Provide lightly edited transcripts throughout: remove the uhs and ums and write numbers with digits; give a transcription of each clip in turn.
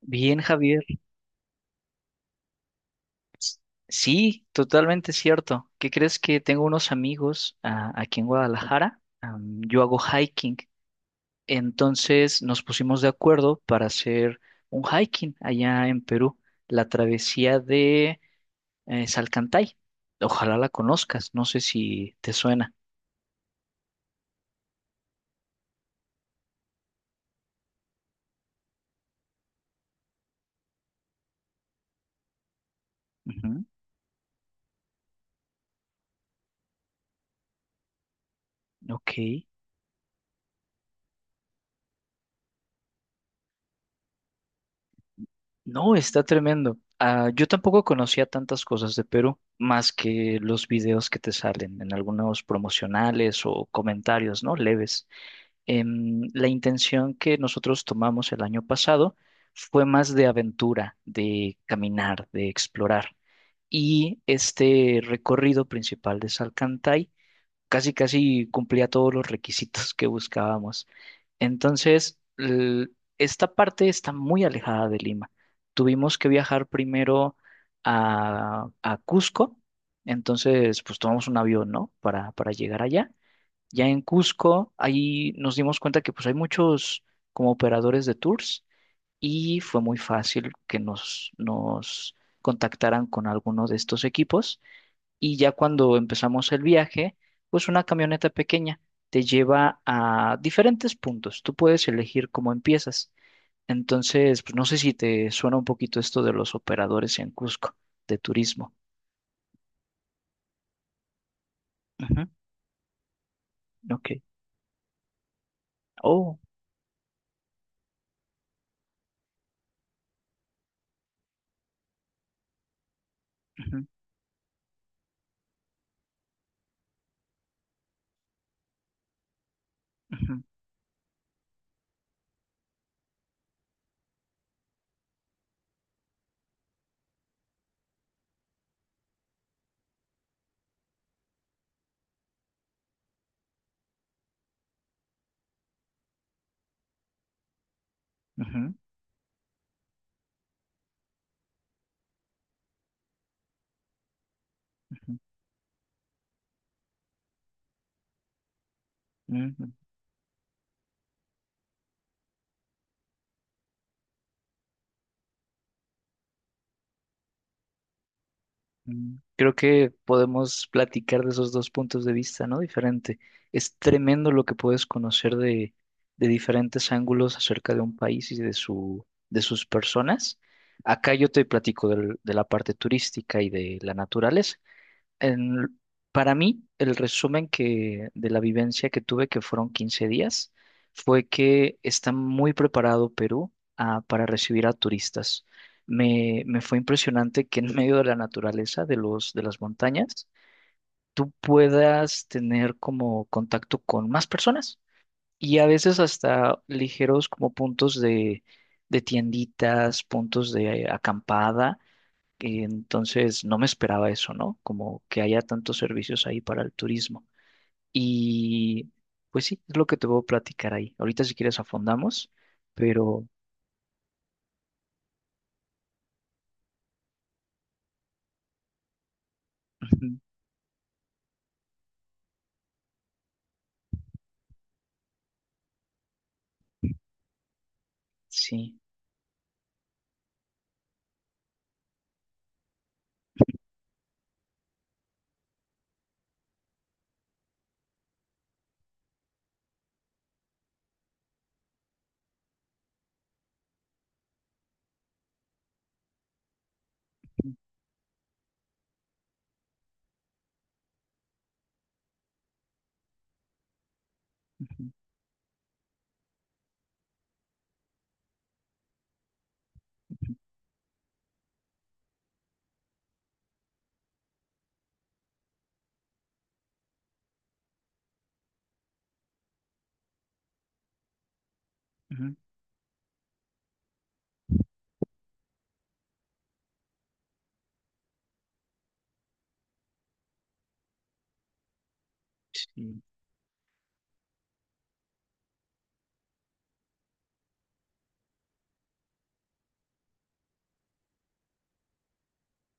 Bien, Javier. S- Sí, totalmente cierto. ¿Qué crees que tengo unos amigos aquí en Guadalajara? Yo hago hiking. Entonces nos pusimos de acuerdo para hacer un hiking allá en Perú, la travesía de Salcantay. Ojalá la conozcas, no sé si te suena. Ujú. Ok. No, está tremendo. Ah, yo tampoco conocía tantas cosas de Perú, más que los videos que te salen en algunos promocionales o comentarios, ¿no? Leves. La intención que nosotros tomamos el año pasado fue más de aventura, de caminar, de explorar. Y este recorrido principal de Salcantay casi casi cumplía todos los requisitos que buscábamos. Entonces, esta parte está muy alejada de Lima. Tuvimos que viajar primero a Cusco, entonces pues tomamos un avión, ¿no? Para llegar allá. Ya en Cusco, ahí nos dimos cuenta que pues hay muchos como operadores de tours y fue muy fácil que nos contactaran con alguno de estos equipos y ya cuando empezamos el viaje, pues una camioneta pequeña te lleva a diferentes puntos. Tú puedes elegir cómo empiezas. Entonces, pues no sé si te suena un poquito esto de los operadores en Cusco, de turismo. Ujú, ok. Oh. Ujú, ujú, ujú, ujú, ujú, ujú. Creo que podemos platicar de esos dos puntos de vista, ¿no? Diferente. Es tremendo lo que puedes conocer de diferentes ángulos acerca de un país y de su, de sus personas. Acá yo te platico de la parte turística y de la naturaleza en- para mí, el resumen que, de la vivencia que tuve, que fueron 15 días, fue que está muy preparado Perú para recibir a turistas. Me fue impresionante que en medio de la naturaleza, de los, de las montañas, tú puedas tener como contacto con más personas y a veces hasta ligeros como puntos de tienditas, puntos de acampada y entonces no me esperaba eso, ¿no? Como que haya tantos servicios ahí para el turismo. Y pues sí, es lo que te voy a platicar ahí. Ahorita si quieres afondamos, pero ujú, sí. Ujú, ujú, ujú, ujú. Sí.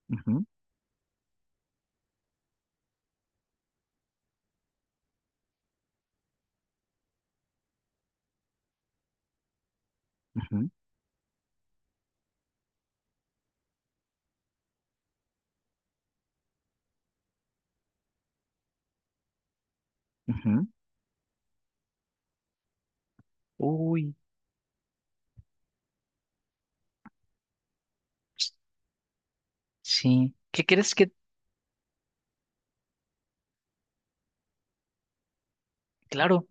Ujú, ujú, ujú. Uy, sí. ¿Qué crees que? Claro.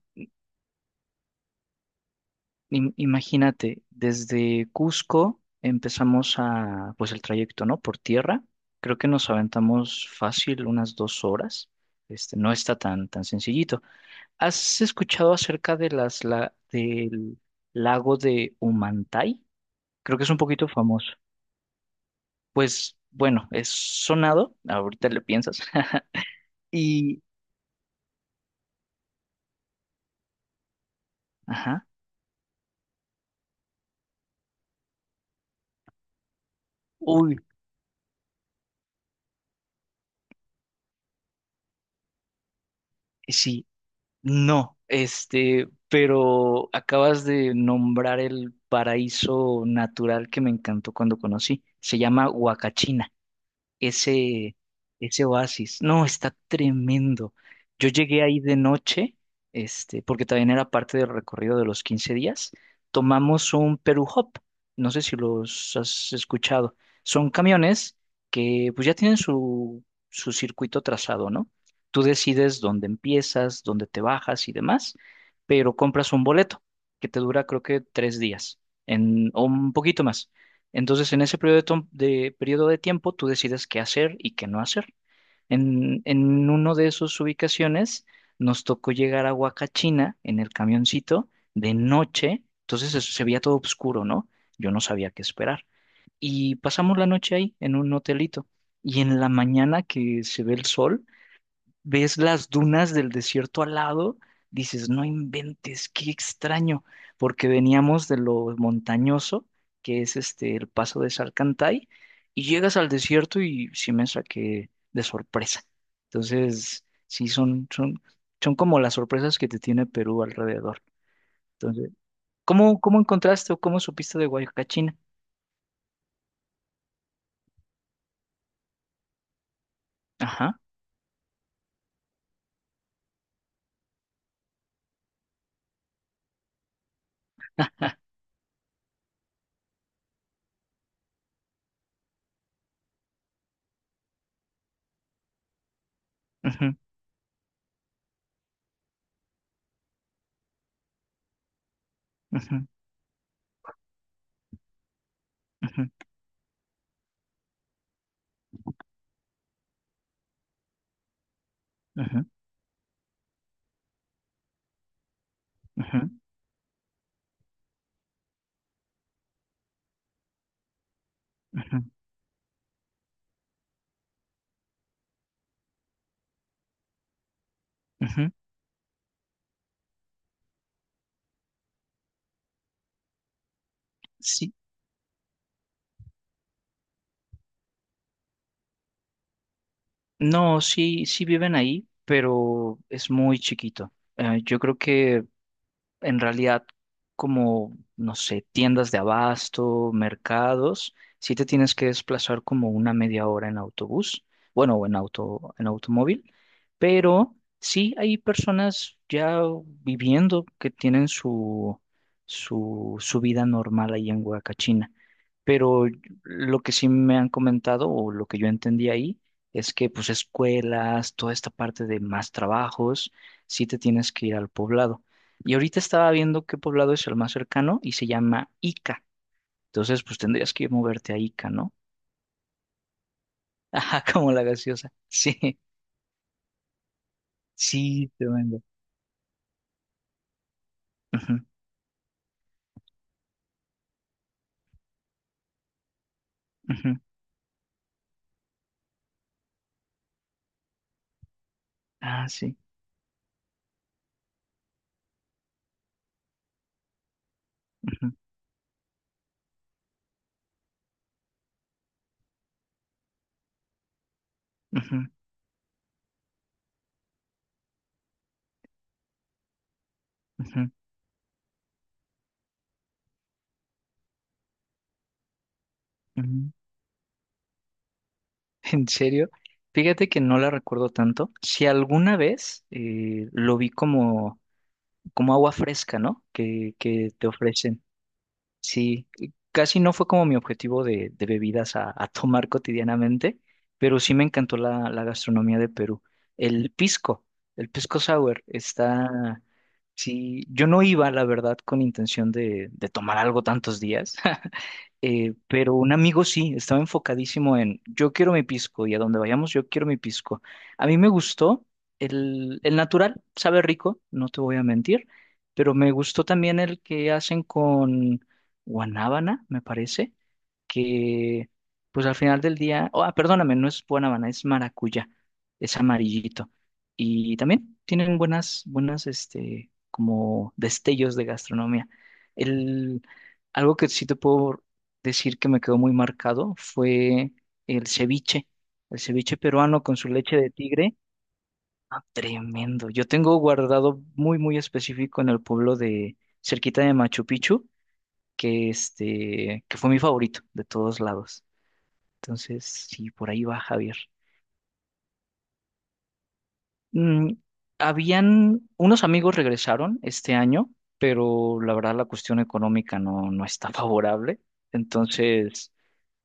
Imagínate, desde Cusco empezamos a, pues el trayecto, ¿no? Por tierra. Creo que nos aventamos fácil unas 2 horas. Este, no está tan, tan sencillito. ¿Has escuchado acerca de las, la, del lago de Humantay? Creo que es un poquito famoso. Pues bueno, es sonado, ahorita le piensas. Y, ajá, uy, sí. No, este, pero acabas de nombrar el paraíso natural que me encantó cuando conocí. Se llama Huacachina, ese, ese oasis. No, está tremendo. Yo llegué ahí de noche, este, porque también era parte del recorrido de los 15 días. Tomamos un Perú Hop, no sé si los has escuchado. Son camiones que pues ya tienen su, su circuito trazado, ¿no? Tú decides dónde empiezas, dónde te bajas y demás, pero compras un boleto que te dura creo que 3 días en, o un poquito más. Entonces, en ese periodo de, periodo de tiempo, tú decides qué hacer y qué no hacer. En uno de esas ubicaciones, nos tocó llegar a Huacachina en el camioncito de noche. Entonces, eso se veía todo oscuro, ¿no? Yo no sabía qué esperar. Y pasamos la noche ahí, en un hotelito. Y en la mañana que se ve el sol, ves las dunas del desierto al lado, dices, no inventes, qué extraño, porque veníamos de lo montañoso, que es este el paso de Salcantay, y llegas al desierto y sí me saqué de sorpresa. Entonces, sí, son, son, son como las sorpresas que te tiene Perú alrededor. Entonces, ¿cómo, cómo encontraste o cómo supiste de Guayacachina? Ajá. Ujú, ujú, ujú, ujú, ujú, ujú, ujú. Sí. No, sí, sí viven ahí, pero es muy chiquito. Yo creo que en realidad como, no sé, tiendas de abasto, mercados, sí te tienes que desplazar como una media hora en autobús, bueno, o en auto, en automóvil, pero sí hay personas ya viviendo que tienen su, su, su vida normal ahí en Huacachina. Pero lo que sí me han comentado o lo que yo entendí ahí es que pues escuelas, toda esta parte de más trabajos, sí te tienes que ir al poblado. Y ahorita estaba viendo qué poblado es el más cercano y se llama Ica. Entonces, pues tendrías que moverte a Ica, ¿no? Ajá, como la gaseosa. Sí, sí, tremendo. Ujú, ujú. Ah, sí. Ujú, ujú, ujú, ujú. ¿En serio? Fíjate que no la recuerdo tanto. Si alguna vez lo vi como, como agua fresca, ¿no? Que te ofrecen. Sí, casi no fue como mi objetivo de bebidas a tomar cotidianamente, pero sí me encantó la, la gastronomía de Perú. El pisco, el pisco sour está, sí, yo no iba, la verdad, con intención de tomar algo tantos días, pero un amigo sí, estaba enfocadísimo en yo quiero mi pisco y a donde vayamos yo quiero mi pisco. A mí me gustó el natural, sabe rico, no te voy a mentir, pero me gustó también el que hacen con guanábana, me parece, que pues al final del día, oh, ah, perdóname, no es guanábana, es maracuyá, es amarillito. Y también tienen buenas, buenas, este, como destellos de gastronomía. El, algo que sí te puedo decir que me quedó muy marcado fue el ceviche, el ceviche peruano con su leche de tigre. Ah, tremendo. Yo tengo guardado muy, muy específico en el pueblo de cerquita de Machu Picchu, que este, que fue mi favorito de todos lados. Entonces, sí, por ahí va Javier. Mm, habían, unos amigos regresaron este año, pero la verdad la cuestión económica no, no está favorable. Entonces,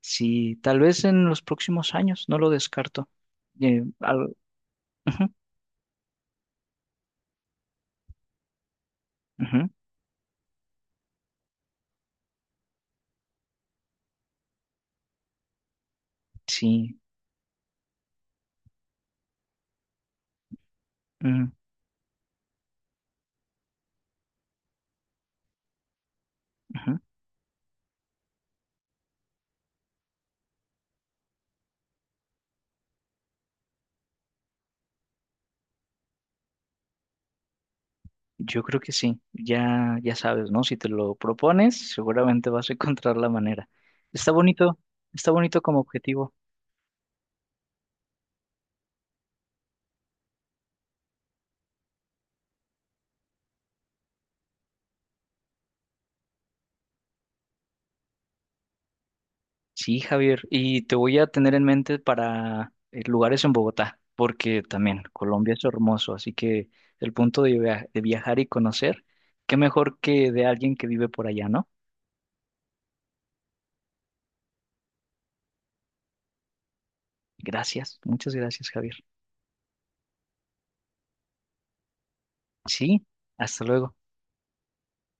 sí, tal vez en los próximos años, no lo descarto. Eh, al- ujú, ujú, sí, ujú, ujú. Yo creo que sí. Ya, ya sabes, ¿no? Si te lo propones, seguramente vas a encontrar la manera. Está bonito, está bonito como objetivo. Sí, Javier, y te voy a tener en mente para lugares en Bogotá, porque también Colombia es hermoso, así que el punto de, de viajar y conocer, qué mejor que de alguien que vive por allá, ¿no? Gracias, muchas gracias, Javier. Sí, hasta luego.